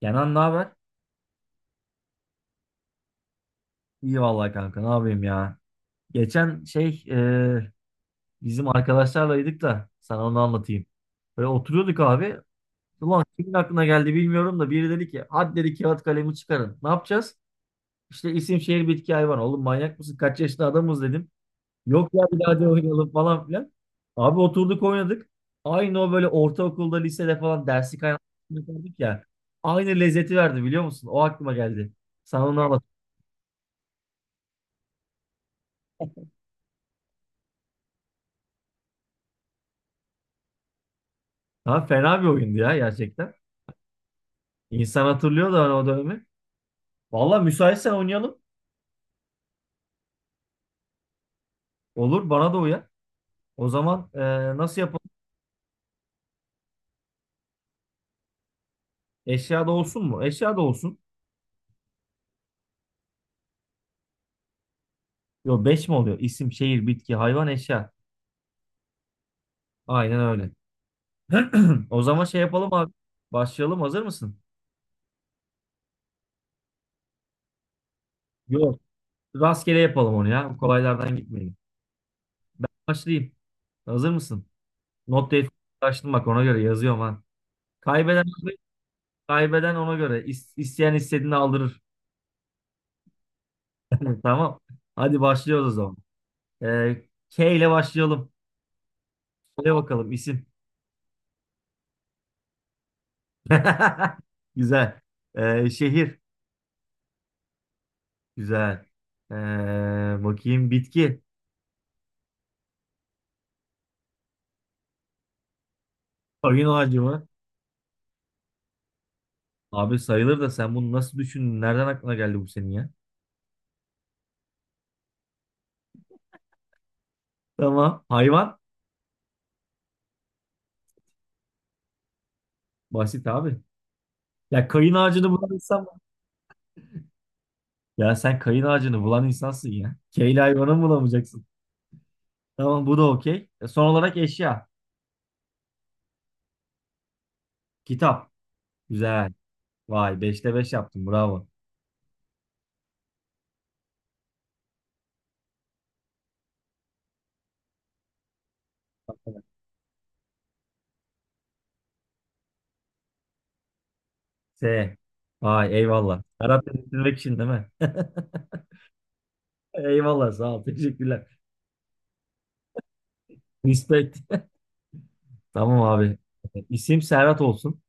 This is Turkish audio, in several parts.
Kenan ne haber? İyi vallahi kanka ne yapayım ya. Geçen şey bizim arkadaşlarlaydık da sana onu anlatayım. Böyle oturuyorduk abi. Ulan kimin aklına geldi bilmiyorum da biri dedi ki hadi dedi kağıt kalemi çıkarın. Ne yapacağız? İşte isim şehir bitki hayvan. Oğlum manyak mısın? Kaç yaşında adamız dedim. Yok ya bir daha hadi oynayalım falan filan. Abi oturduk oynadık. Aynı o böyle ortaokulda lisede falan dersi kaynattık ya. Aynı lezzeti verdi biliyor musun? O aklıma geldi. Sana onu anlat. Ha, fena bir oyundu ya gerçekten. İnsan hatırlıyor da hani o dönemi. Valla müsaitsen oynayalım. Olur bana da uyar. O zaman nasıl yapalım? Eşya da olsun mu? Eşya da olsun. Yo 5 mi oluyor? İsim, şehir, bitki, hayvan, eşya. Aynen öyle. O zaman şey yapalım abi. Başlayalım. Hazır mısın? Yok. Rastgele yapalım onu ya, kolaylardan gitmeyelim. Ben başlayayım. Hazır mısın? Not defterini açtım bak ona göre yazıyorum ha. Kaybeden kaybeden ona göre. İsteyen istediğini aldırır. Tamam. Hadi başlıyoruz o zaman. Ee, K ile başlayalım. Söyle bakalım isim. Güzel. Şehir. Güzel. Ee, Bakayım, bitki. Oyun ağacı mı? Abi sayılır da sen bunu nasıl düşündün? Nereden aklına geldi bu senin ya? Tamam. Hayvan. Basit abi. Ya kayın ağacını bulan insan mı? Ya sen kayın ağacını bulan insansın ya. K ile hayvanı mı bulamayacaksın? Tamam, bu da okey. Son olarak eşya. Kitap. Güzel. Vay, beşte 5 yaptın. Bravo. S. Vay, eyvallah. Serhat dedirtmek için değil mi? Eyvallah, sağ ol. Teşekkürler. Respect. Tamam abi. İsim Serhat olsun.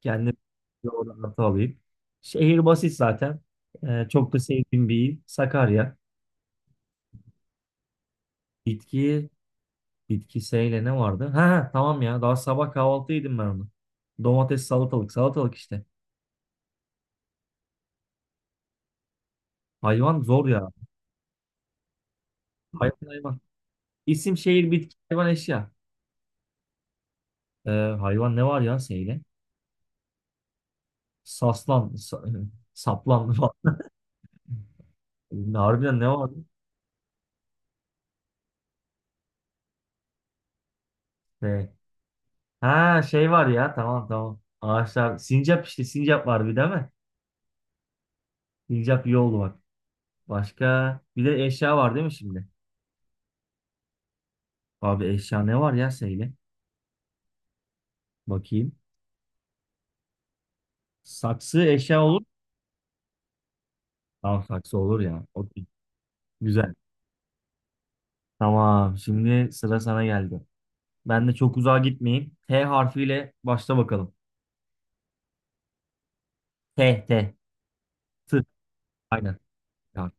Kendim bir orada artı alayım. Şehir basit zaten. Çok da sevdiğim bir il. Sakarya. Bitki, bitki seyle ne vardı? Ha, tamam ya. Daha sabah kahvaltı yedim ben onu. Domates, salatalık. Salatalık işte. Hayvan zor ya. Hayvan hayvan. İsim, şehir, bitki, hayvan, eşya. Hayvan ne var ya seyle? Saslan, sa, Saplan falan. Harbiden ne var? Şey. Ha, şey var ya, tamam tamam. Ağaçlar. Sincap işte, sincap var bir, değil mi? Sincap iyi oldu bak. Başka bir de eşya var değil mi şimdi? Abi eşya ne var ya Seyle? Bakayım. Saksı eşya olur mu? Tamam, saksı olur ya. Okey. Güzel. Tamam, şimdi sıra sana geldi. Ben de çok uzağa gitmeyeyim. T harfiyle başla bakalım. T T. T. Aynen. Ya,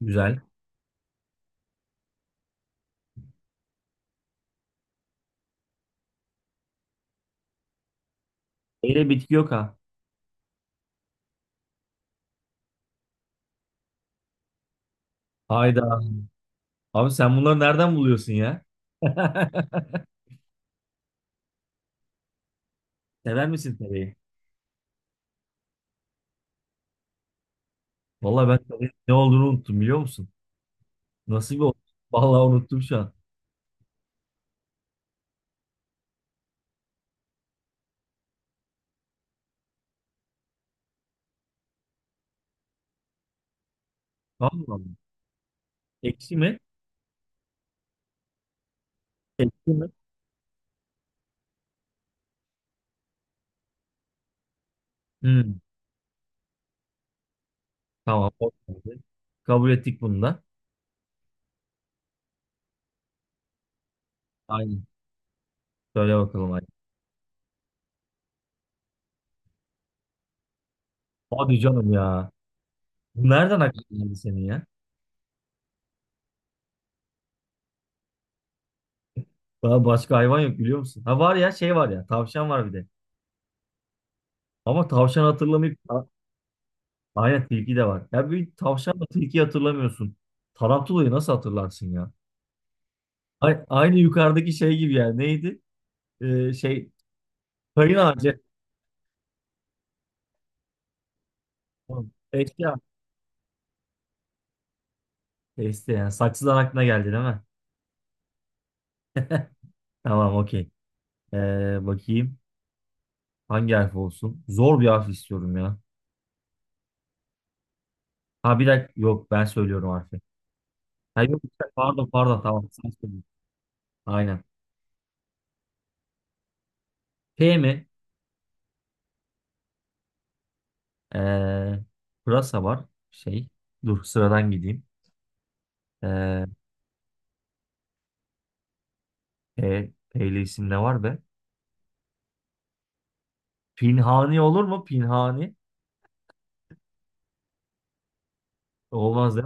güzel. Eyle bitki yok ha. Hayda. Abi sen bunları nereden buluyorsun ya? Sever misin tereyi? Vallahi ben tereyi ne olduğunu unuttum, biliyor musun? Nasıl bir oldu? Vallahi unuttum şu an. Tamam mı? Ekşi mi? Ekşi mi? Hmm, tamam. O geldi. Kabul ettik bunu da. Aynen. Söyle bakalım hadi. Hadi canım ya. Bu nereden aklına geldi senin ya? Daha başka hayvan yok, biliyor musun? Ha, var ya, şey var ya. Tavşan var bir de. Ama tavşan hatırlamayıp aynen tilki de var. Ya bir tavşanla tilkiyi hatırlamıyorsun. Tarantulayı nasıl hatırlarsın ya? Aynı yukarıdaki şey gibi yani. Neydi? Şey, kayın ağacı. Tamam. Eşya. Este yani. Saksıdan aklına geldi değil mi? Tamam, okey. Bakayım. Hangi harf olsun? Zor bir harf istiyorum ya. Ha, bir dakika. Yok, ben söylüyorum harfi. Ha yok işte, pardon pardon tamam. Sen söyle. Aynen. P mi? Ee, Pırasa var. Şey. Dur, sıradan gideyim. Ee, P'li isim ne var be? Pinhani olur mu? Pinhani. Olmaz ya.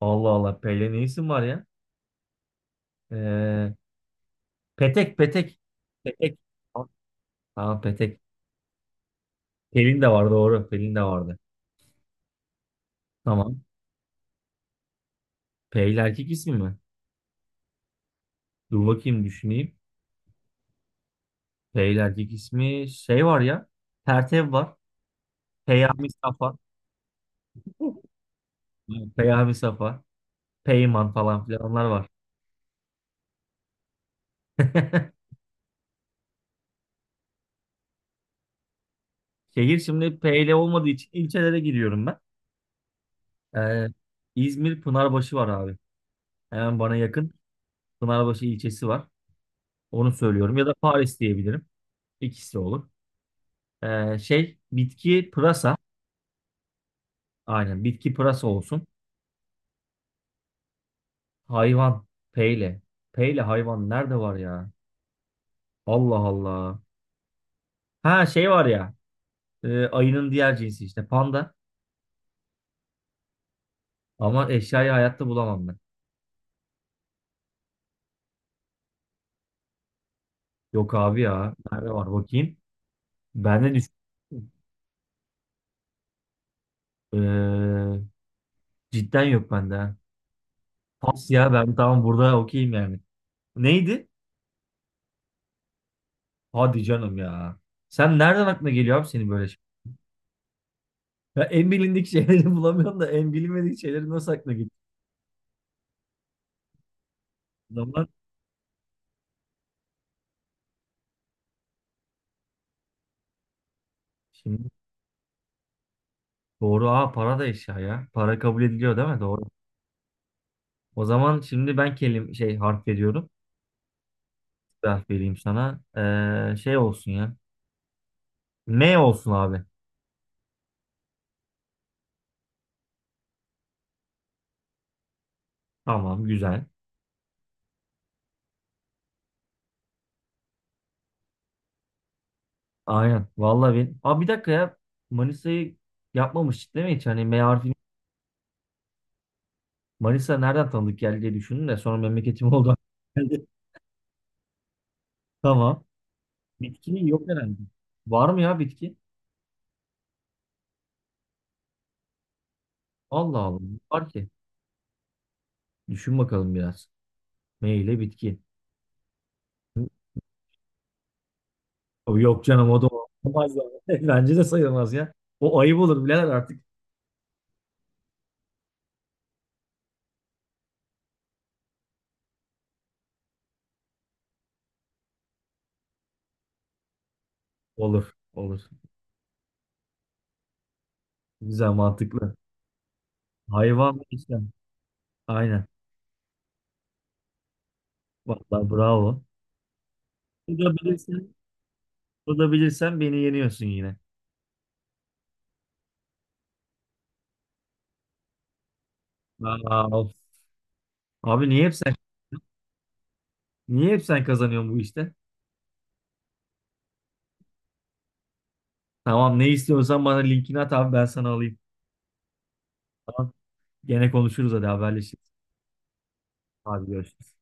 Allah Allah. P'li ne isim var ya? Ee, Petek, petek. Petek. Tamam, petek. Pelin de var doğru. Pelin de vardı. Tamam. P ile erkek ismi mi? Dur bakayım, düşüneyim. P ile erkek ismi, şey var ya. Pertev var. Peyami Safa. Peyami Safa. Peyman falan filan, onlar var. Şehir şimdi P ile olmadığı için ilçelere giriyorum ben. Ee, İzmir Pınarbaşı var abi. Hemen bana yakın Pınarbaşı ilçesi var. Onu söylüyorum. Ya da Paris diyebilirim. İkisi olur. Şey, bitki pırasa. Aynen, bitki pırasa olsun. Hayvan peyle. Peyle hayvan nerede var ya? Allah Allah. Ha, şey var ya. Ayının diğer cinsi işte, panda. Ama eşyayı hayatta bulamam ben. Yok abi ya. Nerede var bakayım. Bende düş. Ee, Cidden yok bende ha. Pas ya, ben tamam, burada okeyim yani. Neydi? Hadi canım ya. Sen nereden aklına geliyor abi senin böyle şey? Ya en bilindik şeyleri bulamıyorsun da en bilinmedik şeyleri nasıl aklına zaman şimdi doğru. Aa, para da eşya ya. Para kabul ediliyor değil mi? Doğru. O zaman şimdi ben kelim şey harf veriyorum. Bir harf vereyim sana. Şey olsun ya. M olsun abi. Tamam, güzel. Aynen. Vallahi ben. Aa, bir dakika ya. Manisa'yı yapmamıştık değil mi hiç? Hani M harfi Manisa nereden tanıdık geldi diye düşündüm de sonra memleketim oldu. Geldi. Tamam. Bitki yok herhalde. Var mı ya bitki? Allah Allah. Var ki. Düşün bakalım biraz. M ile bitki. O yok canım, o da olmaz ya. Bence de sayılmaz ya. O ayıp olur birader artık. Olur. Olur. Güzel, mantıklı. Hayvan işte. Aynen. Vallahi bravo. Bu da bilirsen, bu da bilirsen beni yeniyorsun yine. Aa, of. Abi niye hep sen kazanıyorsun bu işte? Tamam, ne istiyorsan bana linkini at abi, ben sana alayım. Tamam. Gene konuşuruz, hadi haberleşiriz. Hadi görüşürüz.